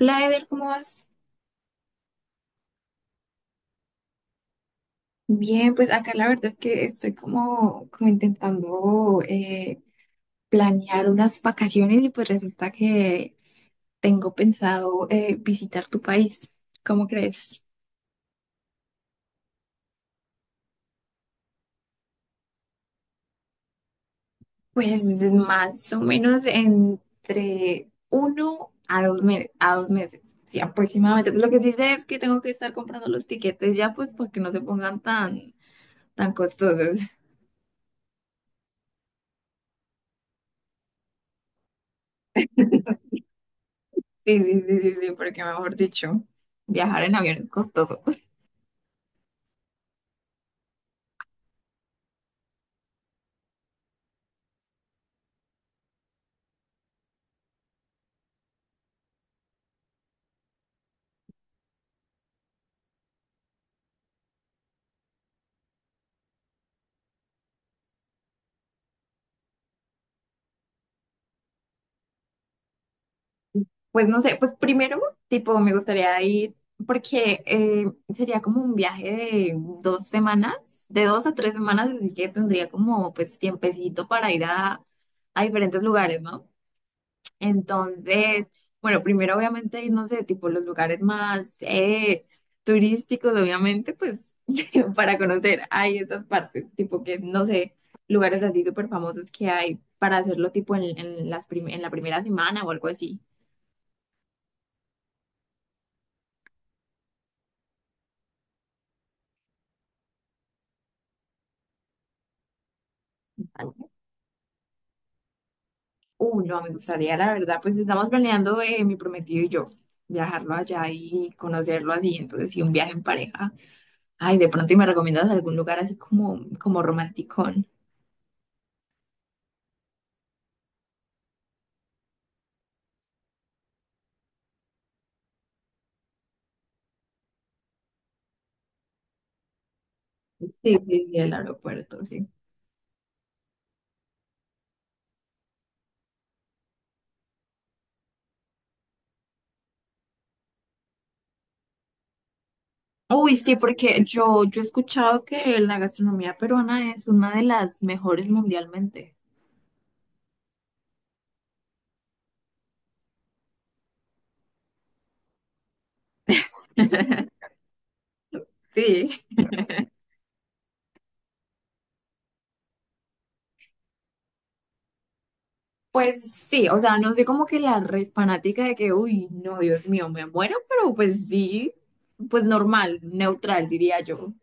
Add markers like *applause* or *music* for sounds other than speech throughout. Hola Eder, ¿cómo vas? Bien, pues acá la verdad es que estoy como intentando planear unas vacaciones y pues resulta que tengo pensado visitar tu país. ¿Cómo crees? Pues más o menos entre uno a dos, a dos meses, sí, aproximadamente. Lo que sí sé es que tengo que estar comprando los tiquetes ya pues para que no se pongan tan, tan costosos. *laughs* Sí, sí, sí, sí, sí, porque mejor dicho, viajar en avión es costoso. Pues no sé, pues primero, tipo, me gustaría ir porque sería como un viaje de dos semanas, de dos a tres semanas, así que tendría como pues tiempecito para ir a diferentes lugares, ¿no? Entonces, bueno, primero obviamente ir, no sé, tipo los lugares más turísticos, obviamente, pues *laughs* para conocer ahí estas partes, tipo que, no sé, lugares así súper famosos que hay para hacerlo tipo en las en la primera semana o algo así. No, me gustaría, la verdad, pues estamos planeando mi prometido y yo, viajarlo allá y conocerlo así, entonces sí, un viaje en pareja. Ay, de pronto, ¿y me recomiendas algún lugar así como, como romanticón? Sí, sí, sí, el aeropuerto, sí. Uy, sí, porque yo he escuchado que la gastronomía peruana es una de las mejores mundialmente. *laughs* Sí. Pues sí, o sea, no soy como que la re fanática de que, uy, no, Dios mío, me muero, pero pues sí, pues normal, neutral, diría yo.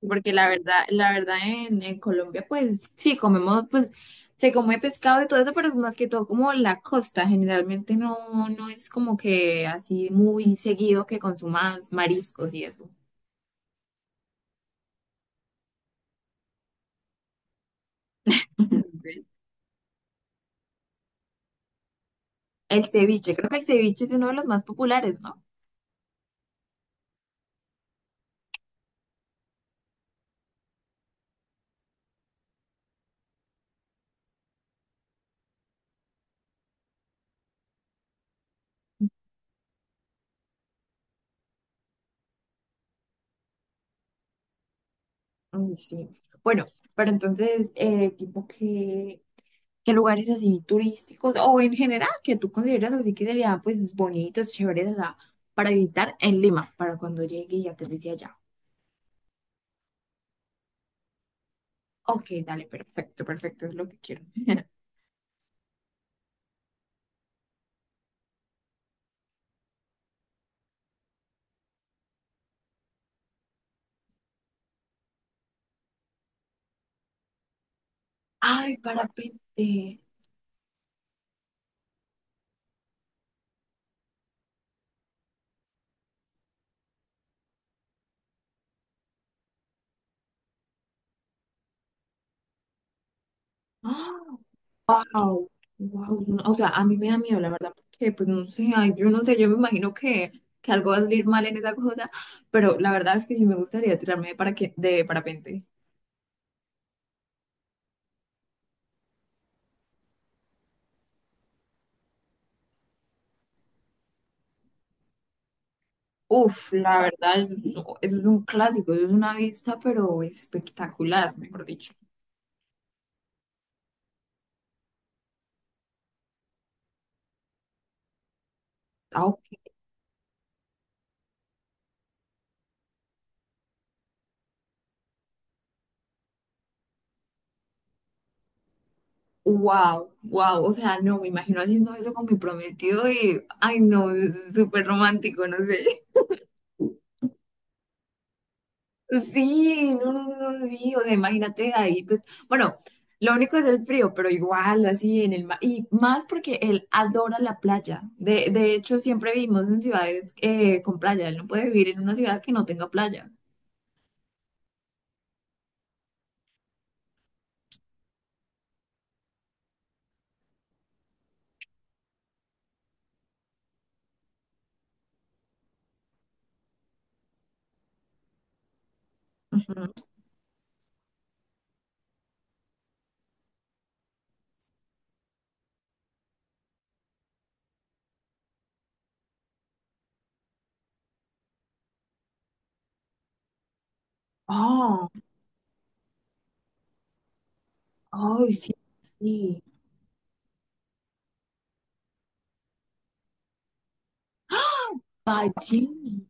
Porque la verdad en Colombia, pues sí, comemos, pues se come pescado y todo eso, pero es más que todo como la costa. Generalmente no, no es como que así muy seguido que consumas mariscos y eso. *laughs* El ceviche, creo que el ceviche es uno de los más populares, ¿no? Mm, sí. Bueno, pero entonces, tipo que, ¿qué lugares así turísticos o en general que tú consideras así que serían pues bonitos, chéveres, o sea, para visitar en Lima, para cuando llegue y aterrice allá? Ok, dale, perfecto, perfecto, es lo que quiero. *laughs* Ay, parapente. Wow, wow. O sea, a mí me da miedo, la verdad, porque pues no sé, ay, yo no sé, yo me imagino que algo va a salir mal en esa cosa, pero la verdad es que sí me gustaría tirarme de, para de parapente. Uf, la verdad, no, eso es un clásico, eso es una vista, pero espectacular, mejor dicho. Ah, ok. Wow, wow, o sea, no, me imagino haciendo eso con mi prometido y, ay, no, es súper romántico, no sé. Sí, no, no, no, no, sí, o sea, imagínate ahí, pues, bueno, lo único es el frío, pero igual, así en el mar, y más porque él adora la playa, de hecho, siempre vivimos en ciudades con playa, él no puede vivir en una ciudad que no tenga playa. Ujú. Oh, ay, sí, sí, ballena,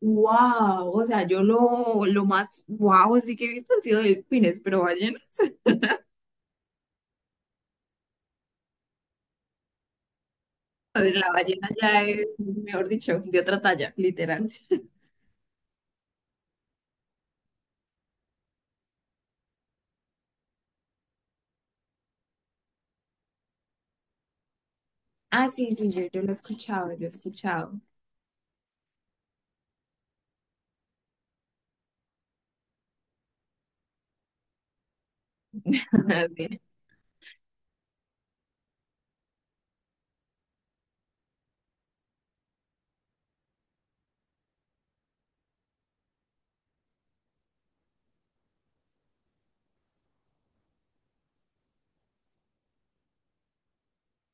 wow, o sea, yo lo más wow, así que he visto han sido delfines, pero ballena, la ballena ya es, mejor dicho, de otra talla, literal. Ah, sí, sí, yo lo he escuchado, yo he escuchado. *laughs* Sí.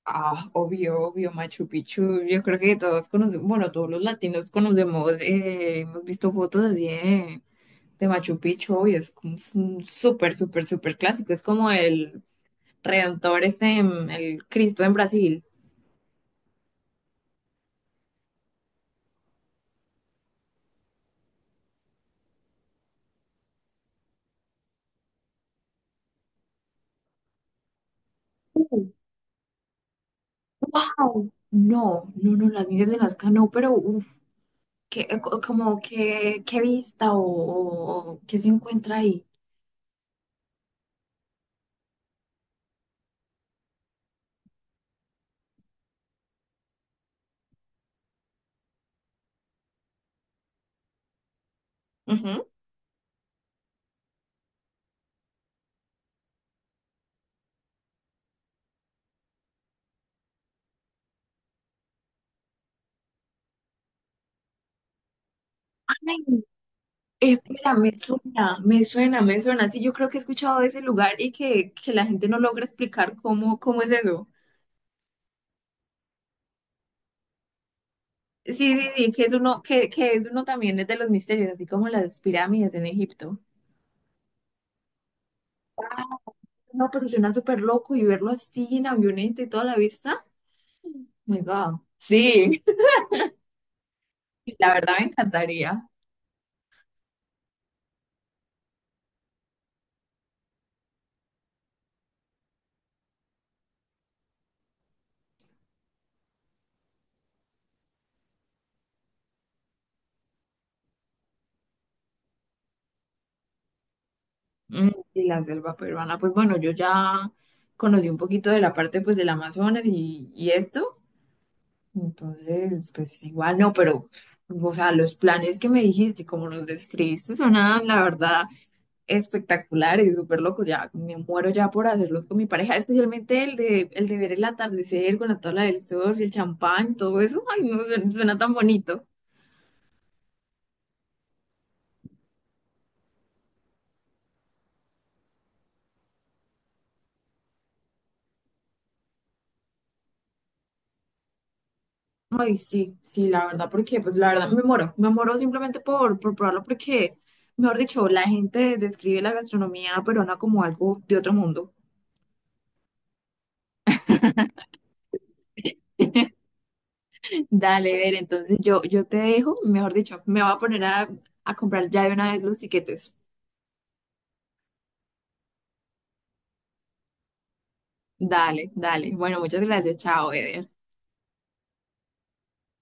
Ah, obvio, obvio, Machu Picchu. Yo creo que todos conocemos, bueno, todos los latinos conocemos, hemos visto fotos así de Machu Picchu, obvio, es como un súper, súper, súper clásico. Es como el Redentor, este, el Cristo en Brasil. Au. No, no, no, las niñas de Nazca no, pero uf, ¿qué, como qué qué vista o, o qué se encuentra ahí? Ujú. Ay, espera, me suena, me suena, me suena. Sí, yo creo que he escuchado de ese lugar y que la gente no logra explicar cómo, cómo es eso. Sí, sí, sí, que es uno también es de los misterios, así como las pirámides en Egipto. No, pero suena súper loco y verlo así en avioneta y toda la vista. Oh my God. Sí. La verdad me encantaría. Mm, y la selva peruana, pues bueno, yo ya conocí un poquito de la parte pues del Amazonas y esto, entonces pues igual no, pero o sea, los planes que me dijiste y como los describiste sonaban la verdad espectaculares, súper locos, ya me muero ya por hacerlos con mi pareja, especialmente el de ver el atardecer con la tabla del surf y el champán, todo eso, ay no, suena, suena tan bonito. Ay, sí, sí, la verdad, porque pues la verdad me muero simplemente por probarlo porque, mejor dicho, la gente describe la gastronomía peruana como algo de otro mundo. Dale, Eder, entonces yo te dejo, mejor dicho, me voy a poner a comprar ya de una vez los tiquetes. Dale, dale. Bueno, muchas gracias, chao, Eder.